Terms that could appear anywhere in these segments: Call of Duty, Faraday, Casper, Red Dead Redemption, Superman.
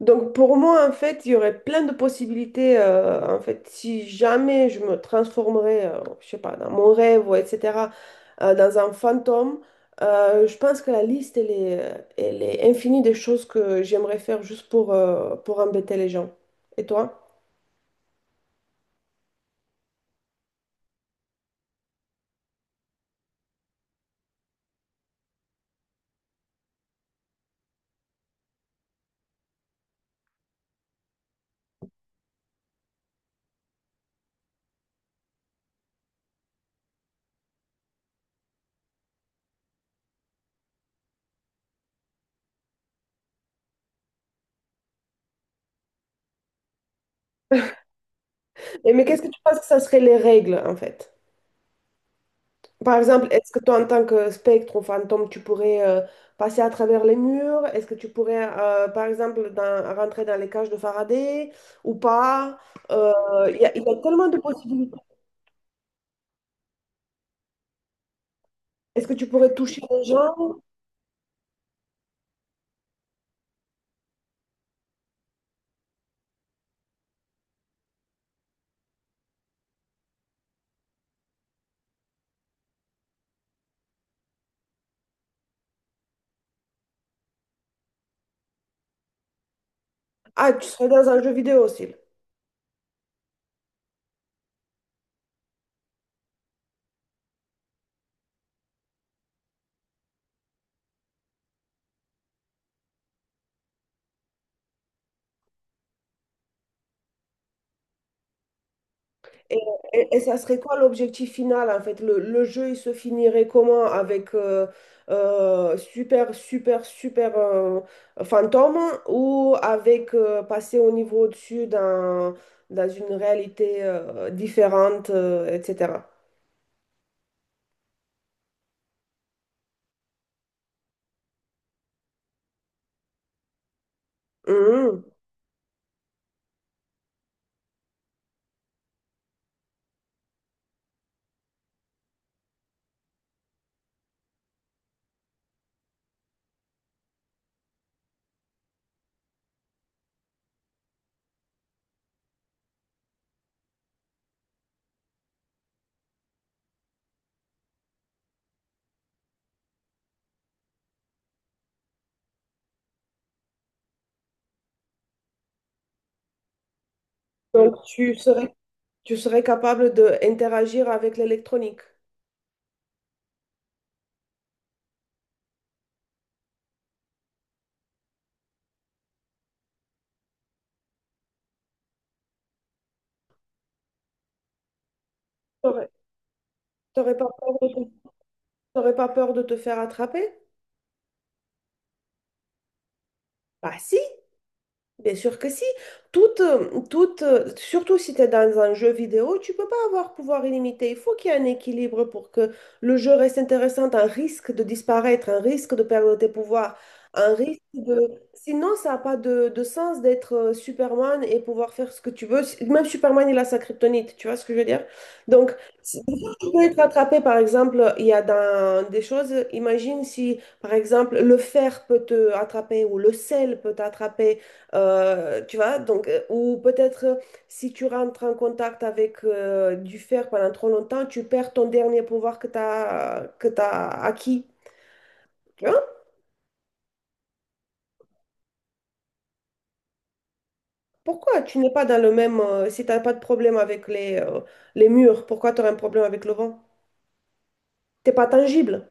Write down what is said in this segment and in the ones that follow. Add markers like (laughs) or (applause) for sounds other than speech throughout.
Donc pour moi, en fait, il y aurait plein de possibilités. En fait, si jamais je me transformerais, je sais pas, dans mon rêve, ou etc., dans un fantôme, je pense que la liste, elle est infinie des choses que j'aimerais faire juste pour embêter les gens. Et toi? Et mais qu'est-ce que tu penses que ça serait les règles, en fait? Par exemple, est-ce que toi, en tant que spectre ou fantôme, tu pourrais passer à travers les murs? Est-ce que tu pourrais, par exemple, rentrer dans les cages de Faraday ou pas? Euh, il y a tellement de possibilités. Est-ce que tu pourrais toucher les gens? Ah, tu serais dans un jeu vidéo aussi. Et, et ça serait quoi l'objectif final en fait? Le jeu, il se finirait comment? Avec super, super, super fantôme ou avec passer au niveau au-dessus dans une réalité différente, etc. Mhm. Donc tu serais capable d'interagir avec l'électronique. T'aurais t'aurais pas peur de te, t'aurais pas peur de te faire attraper? Bah si! Bien sûr que si. Surtout si tu es dans un jeu vidéo, tu peux pas avoir pouvoir illimité. Il faut qu'il y ait un équilibre pour que le jeu reste intéressant, un risque de disparaître, un risque de perdre tes pouvoirs, un risque de. Sinon, ça n'a pas de sens d'être Superman et pouvoir faire ce que tu veux. Si, même Superman, il a sa kryptonite, tu vois ce que je veux dire? Donc, tu peux être attrapé par exemple, il y a dans des choses, imagine si, par exemple, le fer peut te attraper ou le sel peut t'attraper, tu vois, donc, ou peut-être si tu rentres en contact avec du fer pendant trop longtemps, tu perds ton dernier pouvoir que tu as, que tu acquis. Tu vois? Pourquoi tu n'es pas dans le même, si tu n'as pas de problème avec les murs, pourquoi tu aurais un problème avec le vent? T'es pas tangible.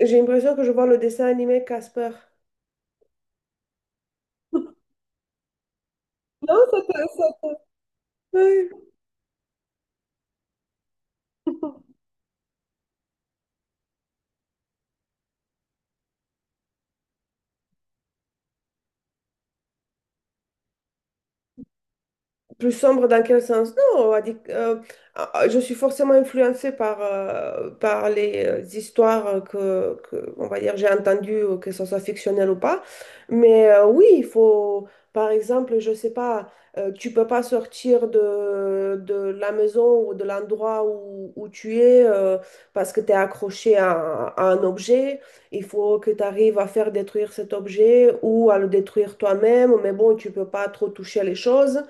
J'ai l'impression que je vois le dessin animé Casper. Non, ouais. (laughs) Plus sombre dans quel sens? Non, on a dit que, je suis forcément influencée par les histoires que, on va dire, j'ai entendues, que ce soit fictionnel ou pas. Mais oui, il faut, par exemple, je sais pas, tu peux pas sortir de la maison ou de l'endroit où tu es parce que tu es accroché à un objet. Il faut que tu arrives à faire détruire cet objet ou à le détruire toi-même. Mais bon, tu peux pas trop toucher les choses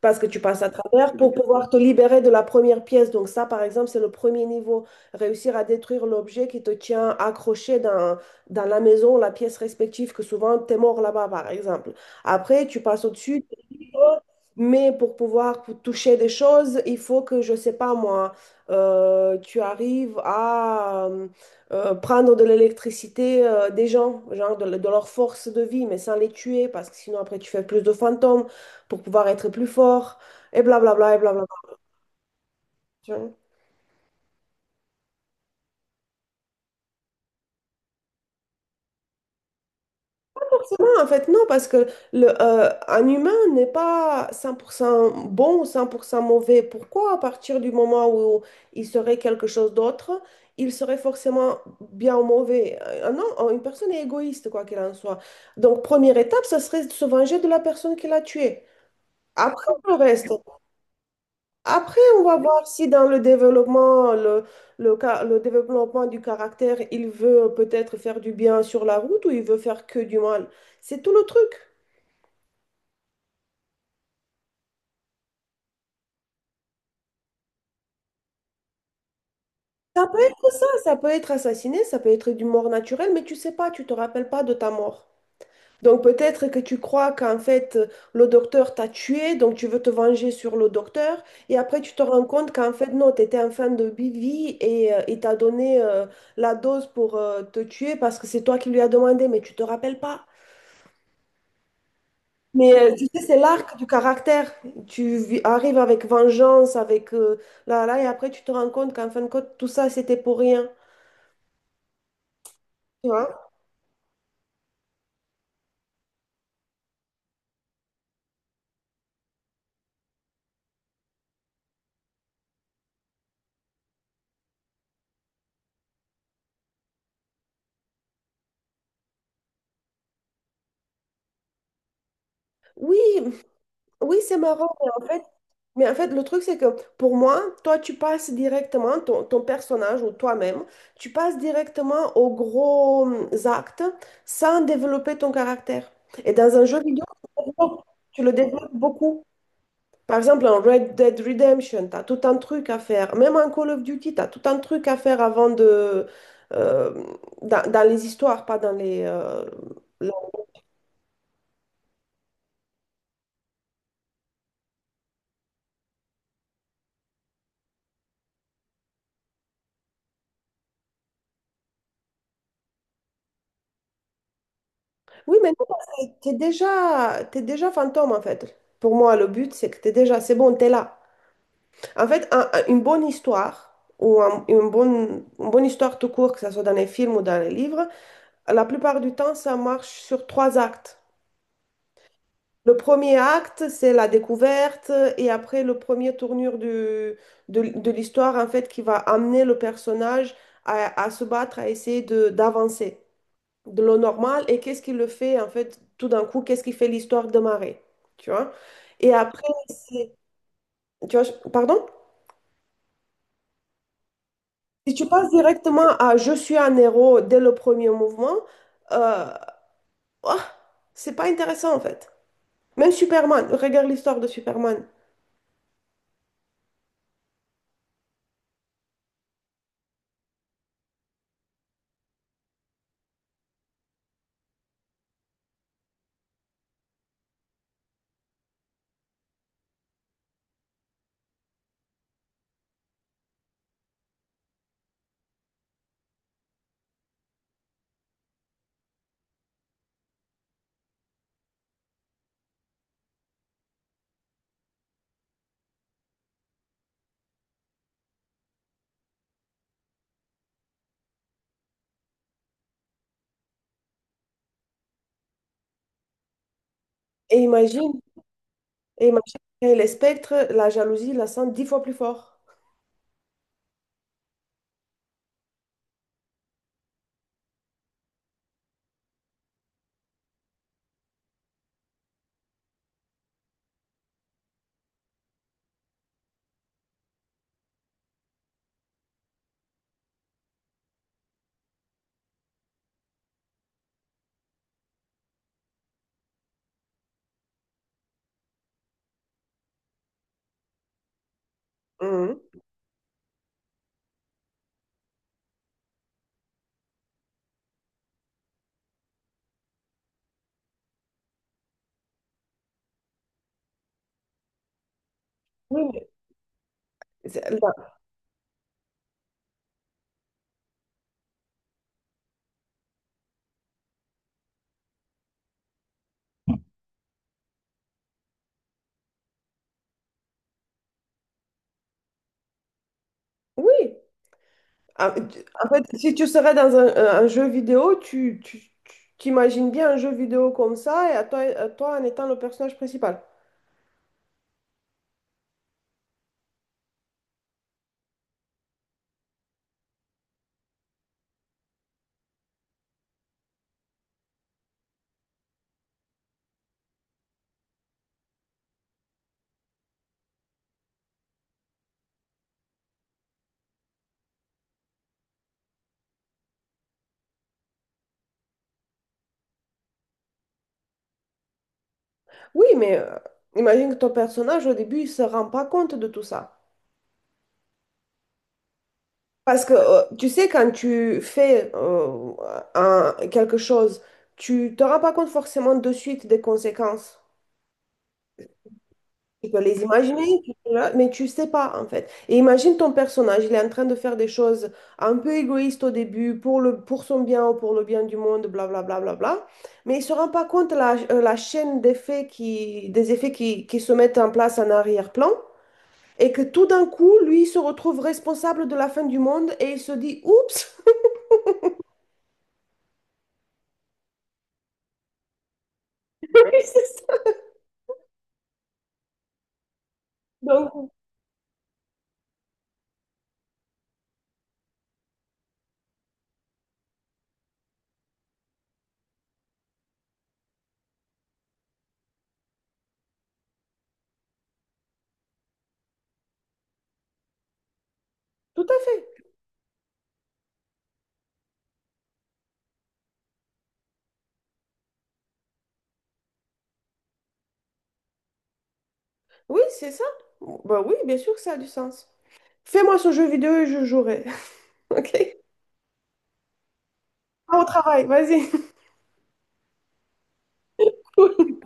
parce que tu passes à travers pour pouvoir te libérer de la première pièce. Donc ça, par exemple, c'est le premier niveau, réussir à détruire l'objet qui te tient accroché dans la maison, la pièce respective, que souvent, t'es mort là-bas, par exemple. Après, tu passes au-dessus, mais pour pouvoir toucher des choses, il faut que, je sais pas moi, tu arrives à prendre de l'électricité des gens, genre de leur force de vie, mais sans les tuer, parce que sinon après tu fais plus de fantômes pour pouvoir être plus fort, et blablabla, et blablabla. Non, en fait, non, parce que un humain n'est pas 100% bon ou 100% mauvais. Pourquoi, à partir du moment où il serait quelque chose d'autre, il serait forcément bien ou mauvais? Non, une personne est égoïste, quoi qu'il en soit. Donc, première étape, ça serait de se venger de la personne qui l'a tué. Après, le reste. Après, on va voir si dans le développement, le développement du caractère, il veut peut-être faire du bien sur la route ou il veut faire que du mal. C'est tout le truc. Ça peut être ça, ça peut être assassiné, ça peut être du mort naturel, mais tu sais pas, tu te rappelles pas de ta mort. Donc peut-être que tu crois qu'en fait le docteur t'a tué, donc tu veux te venger sur le docteur, et après tu te rends compte qu'en fait non, tu étais en fin de vie et il t'a donné la dose pour te tuer parce que c'est toi qui lui as demandé, mais tu te rappelles pas. Mais tu sais, c'est l'arc du caractère. Tu arrives avec vengeance, avec là, et après tu te rends compte qu'en fin de compte tout ça c'était pour rien. Tu vois? Oui, oui, c'est marrant, mais en fait, le truc, c'est que pour moi, toi, tu passes directement, ton personnage ou toi-même, tu passes directement aux gros actes sans développer ton caractère. Et dans un jeu vidéo, tu le développes tu le développes beaucoup. Par exemple, en Red Dead Redemption, tu as tout un truc à faire. Même en Call of Duty, tu as tout un truc à faire avant de. euh, dans les histoires, pas dans les, Oui, mais non, parce que t'es déjà fantôme en fait. Pour moi, le but, c'est que t'es déjà, c'est bon, t'es là. En fait, une bonne histoire, ou une bonne histoire tout court, que ce soit dans les films ou dans les livres, la plupart du temps, ça marche sur trois actes. Le premier acte, c'est la découverte, et après, le premier tournure de l'histoire, en fait, qui va amener le personnage à se battre, à essayer d'avancer de l'eau normale. Et qu'est-ce qui le fait en fait tout d'un coup, qu'est-ce qui fait l'histoire démarrer, tu vois. Et après c'est- tu vois, pardon, si tu passes directement à je suis un héros dès le premier mouvement, euh, ah, c'est pas intéressant en fait. Même Superman, regarde l'histoire de Superman. et imagine et imagine et les spectres, la jalousie, la sang 10 fois plus fort. Mhm. Oui mais c'est- la- oui. En fait, si tu serais dans un jeu vidéo, tu t'imagines bien un jeu vidéo comme ça et à toi en étant le personnage principal. Oui, mais imagine que ton personnage, au début, il se rend pas compte de tout ça. Parce que tu sais, quand tu fais quelque chose, tu te rends pas compte forcément de suite des conséquences. Tu peux les imaginer, tu sais là, mais tu sais pas en fait. Et imagine ton personnage, il est en train de faire des choses un peu égoïstes au début pour pour son bien ou pour le bien du monde, blablabla, bla, bla, bla, bla. Mais il se rend pas compte la chaîne d'effets des effets qui se mettent en place en arrière-plan et que tout d'un coup, lui, il se retrouve responsable de la fin du monde et il se dit, oups. (laughs) Oui, c'est ça. Donc, tout à fait. Oui, c'est ça. Bah oui, bien sûr que ça a du sens. Fais-moi ce jeu vidéo et je jouerai. (laughs) OK? Au travail, vas-y. (laughs)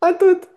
À toutes.